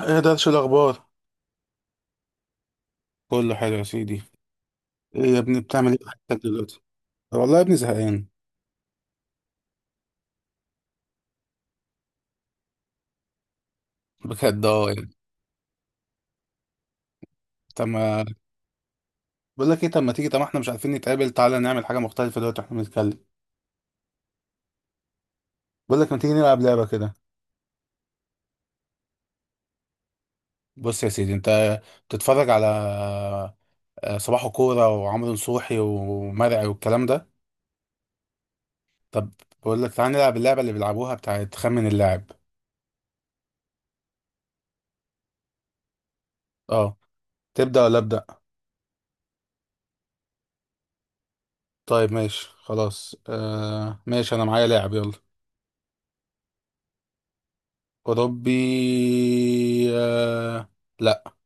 ايه ده؟ شو الاخبار؟ كله حلو يا سيدي. ايه يا ابني، بتعمل ايه في حياتك دلوقتي؟ والله يا ابني زهقان بجد. اه يعني طب ما بقول لك ايه، طب ما تيجي، طب ما احنا مش عارفين نتقابل، تعالى نعمل حاجه مختلفه دلوقتي واحنا بنتكلم. بقول لك ما تيجي نلعب لعبه كده. بص يا سيدي، انت بتتفرج على صباح كوره وعمرو نصوحي ومرعي والكلام ده. طب بقول لك تعالى نلعب اللعبه اللي بيلعبوها بتاعت خمن اللاعب. اه، تبدا ولا ابدا؟ طيب ماشي خلاص، آه ماشي، انا معايا لاعب، يلا. أوروبي. آه... لا.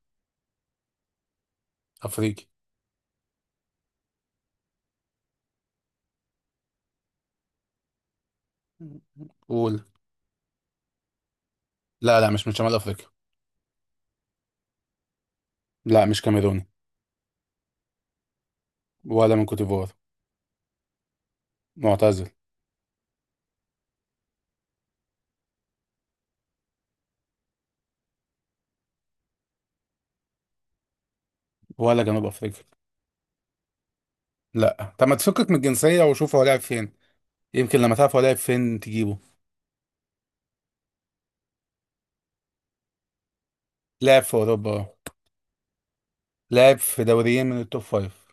أفريقي. قول. لا لا، مش من شمال أفريقيا. لا مش كاميروني. ولا من كوتيفوار. معتزل. ولا جنوب أفريقيا. لا، طب ما تفكك من الجنسية وشوف هو لعب فين، يمكن لما تعرف هو لعب فين تجيبه. لعب في أوروبا آه. لعب في دوريين من التوب فايف.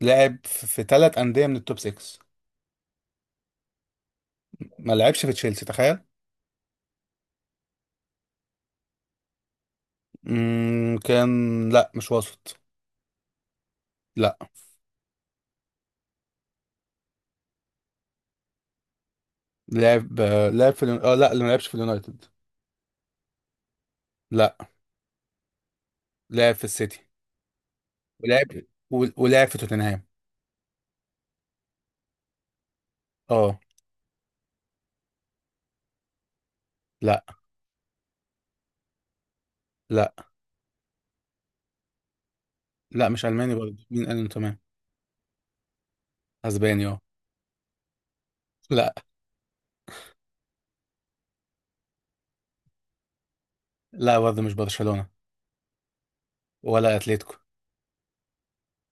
لعب في ثلاث أندية من التوب 6. ما لعبش في تشيلسي، تخيل. كان، لا مش وسط. لا. لعب آه، لعب في اليون- اه لا ما لعبش في اليونايتد. لا. لعب في السيتي. ولعب، ولعب في توتنهام. اه. لا لا لا، مش الماني برضه، مين قال انه تمام؟ اسباني اه. لا لا برضه مش برشلونة. ولا اتلتيكو.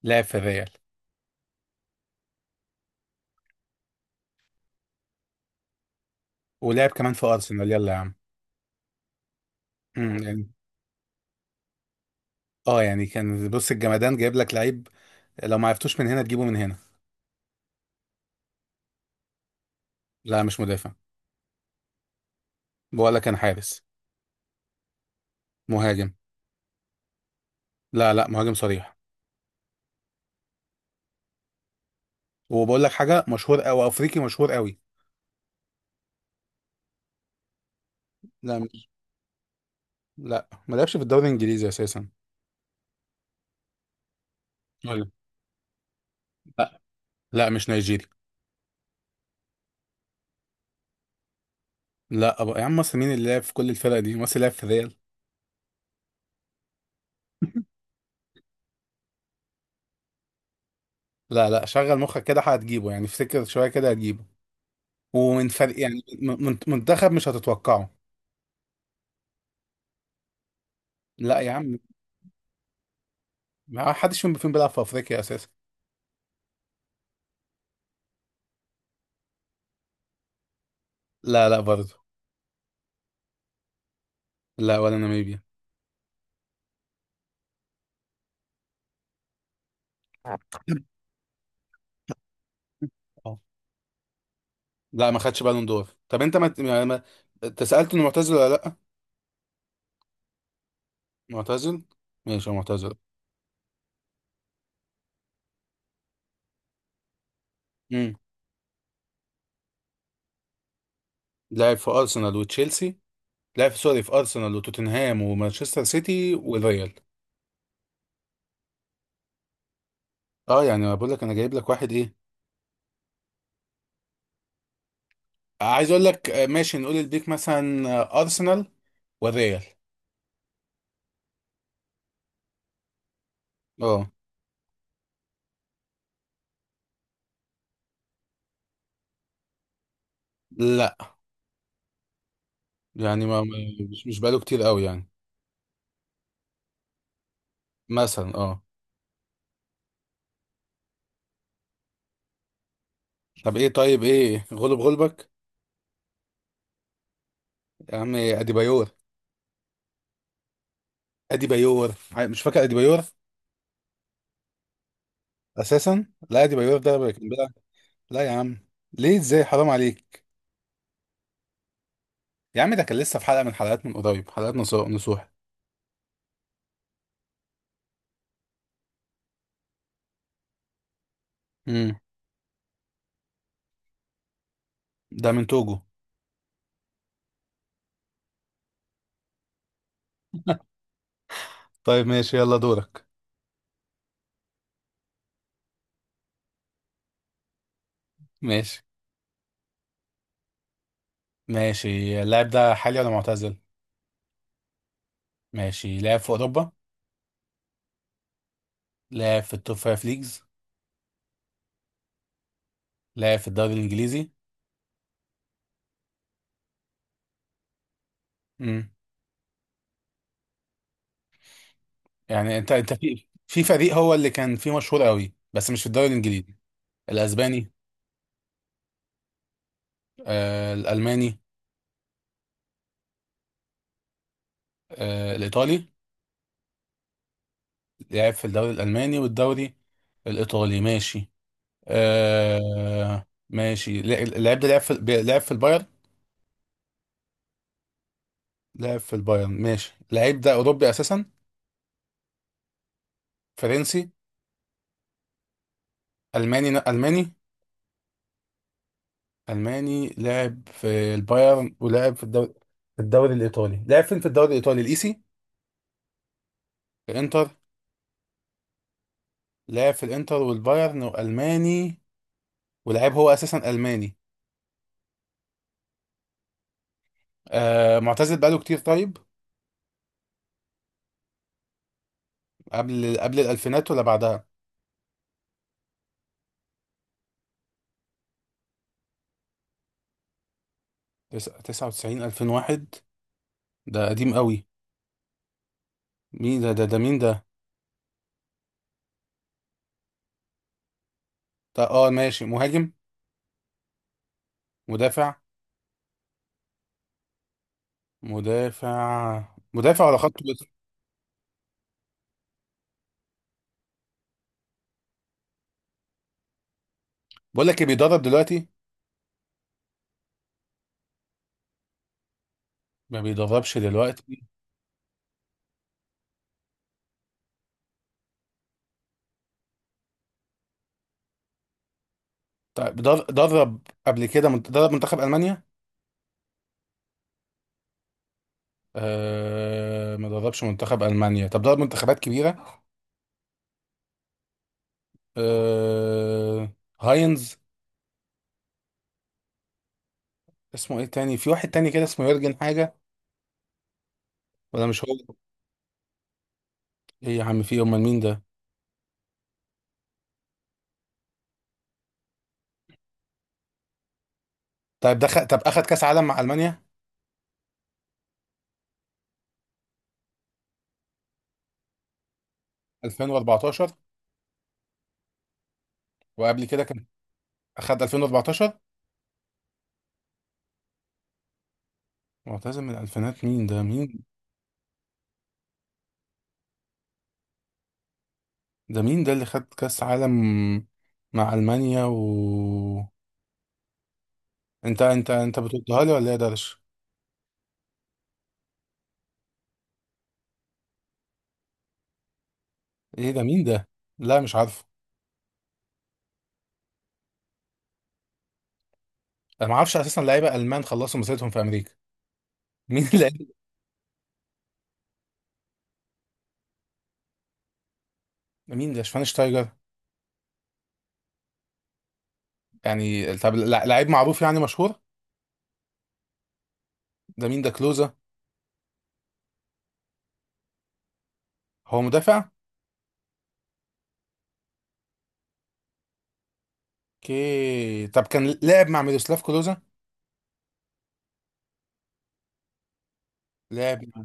لعب في الريال. ولعب كمان في ارسنال، يلا يا عم. يعني، اه يعني كان، بص الجمدان جايب لك لعيب، لو ما عرفتوش من هنا تجيبه من هنا. لا مش مدافع. بقول لك كان حارس. مهاجم. لا لا، مهاجم صريح. وبقول لك حاجه مشهور، او افريقي مشهور قوي. لا. لا ما لعبش في الدوري الانجليزي اساسا. ولا. لا لا مش نيجيري. لا، أبقى يا عم مصر، مين اللي لعب في كل الفرق دي؟ مصر لعب في ريال؟ لا لا، شغل مخك كده هتجيبه، يعني افتكر شويه كده هتجيبه. ومن فرق، يعني منتخب مش هتتوقعه. لا يا عم. ما حدش فيهم بيلعب في افريقيا اساسا. لا لا برضه. لا ولا ناميبيا. اه. لا ما خدش بالون دور. طب انت انت سالت انه معتزل ولا لا. معتزل. ماشي هو معتزل. امم. لعب في ارسنال وتشيلسي. لعب في سوري، في ارسنال وتوتنهام ومانشستر سيتي والريال. اه يعني أنا بقول لك انا جايب لك واحد ايه. عايز اقول لك آه، ماشي، نقول البيك مثلا آه، ارسنال والريال. اه. لا يعني مش بقاله كتير قوي يعني. مثلا اه. طب ايه، طيب ايه غلب غلبك؟ يا عم اديبايور. اديبايور، مش فاكر اديبايور؟ اساسا! لا اديبايور ده كان بيلعب. لا يا عم، ليه؟ ازاي، حرام عليك. يا عم ده كان لسه في حلقة من حلقات، من قريب، حلقات نصوح نصوح. امم. ده من توجو. طيب ماشي، يلا دورك. ماشي. ماشي، اللاعب ده حالي ولا معتزل؟ ماشي. لاعب في اوروبا. لاعب في التوب فايف ليجز. لاعب في الدوري الانجليزي. امم، يعني انت انت في فريق هو اللي كان فيه مشهور قوي، بس مش في الدوري الانجليزي. الاسباني. آه الالماني. آه الايطالي. لعب في الدوري الالماني والدوري الايطالي، ماشي. آه ماشي، اللعيب ده لعب في لعب في البايرن. لعب في البايرن، ماشي. اللعيب ده اوروبي اساسا. فرنسي. الماني. الماني لعب في البايرن ولعب في الدوري، في الدوري الايطالي. لعب فين في الدوري الايطالي، الايسي؟ الانتر. لعب في الانتر والبايرن، والماني، ولعب هو اساسا الماني. آه معتزل بقاله كتير، طيب قبل قبل الالفينات ولا بعدها؟ 99، 2001، ده قديم قوي. مين ده مين ده. ده اه ماشي، مهاجم. مدافع. مدافع. مدافع ولا خط وسط؟ بقول لك ايه، بيدرب دلوقتي؟ ما بيدربش دلوقتي. طيب درب قبل كده، درب منتخب المانيا؟ آه ما دربش منتخب المانيا. طب درب منتخبات كبيره؟ آه. هاينز. اسمه ايه تاني، في واحد تاني كده اسمه يورجن حاجه، ولا مش هو؟ ايه يا عم، في إيه؟ امال مين ده؟ طيب دخل، طب اخد كاس عالم مع المانيا؟ 2014 وقبل كده كان، اخد 2014. معتزل من الالفينات، مين ده مين؟ ده مين ده اللي خد كاس عالم مع المانيا؟ و انت بتقولها لي ولا ايه ده. ايه ده مين ده؟ لا مش عارفه. انا ما اعرفش اساسا لعيبه المان خلصوا مسيرتهم في امريكا. مين اللعيب؟ مين ده، شفاينشتايجر؟ يعني طب لعيب معروف يعني مشهور؟ ده مين، ده كلوزا؟ هو مدافع. اوكي، طب كان لعب مع ميروسلاف كلوزا؟ لعب مع-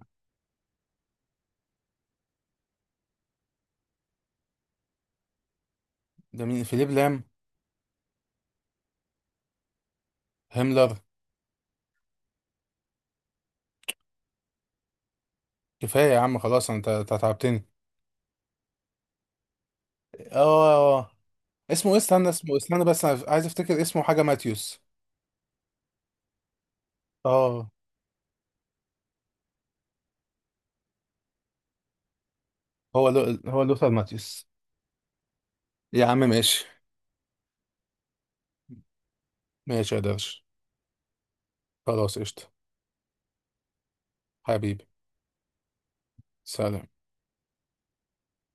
ده مين، فيليب لام؟ هيملر. كفايه يا عم خلاص، انت أنت تعبتني. اه، اسمه ايه، استنى اسمه، استنى بس، انا عايز افتكر اسمه، حاجه ماتيوس. اه. هو لوثر ماتيوس. يا عم ماشي. ماشي يا درش. خلاص قشطه. حبيبي. سلام.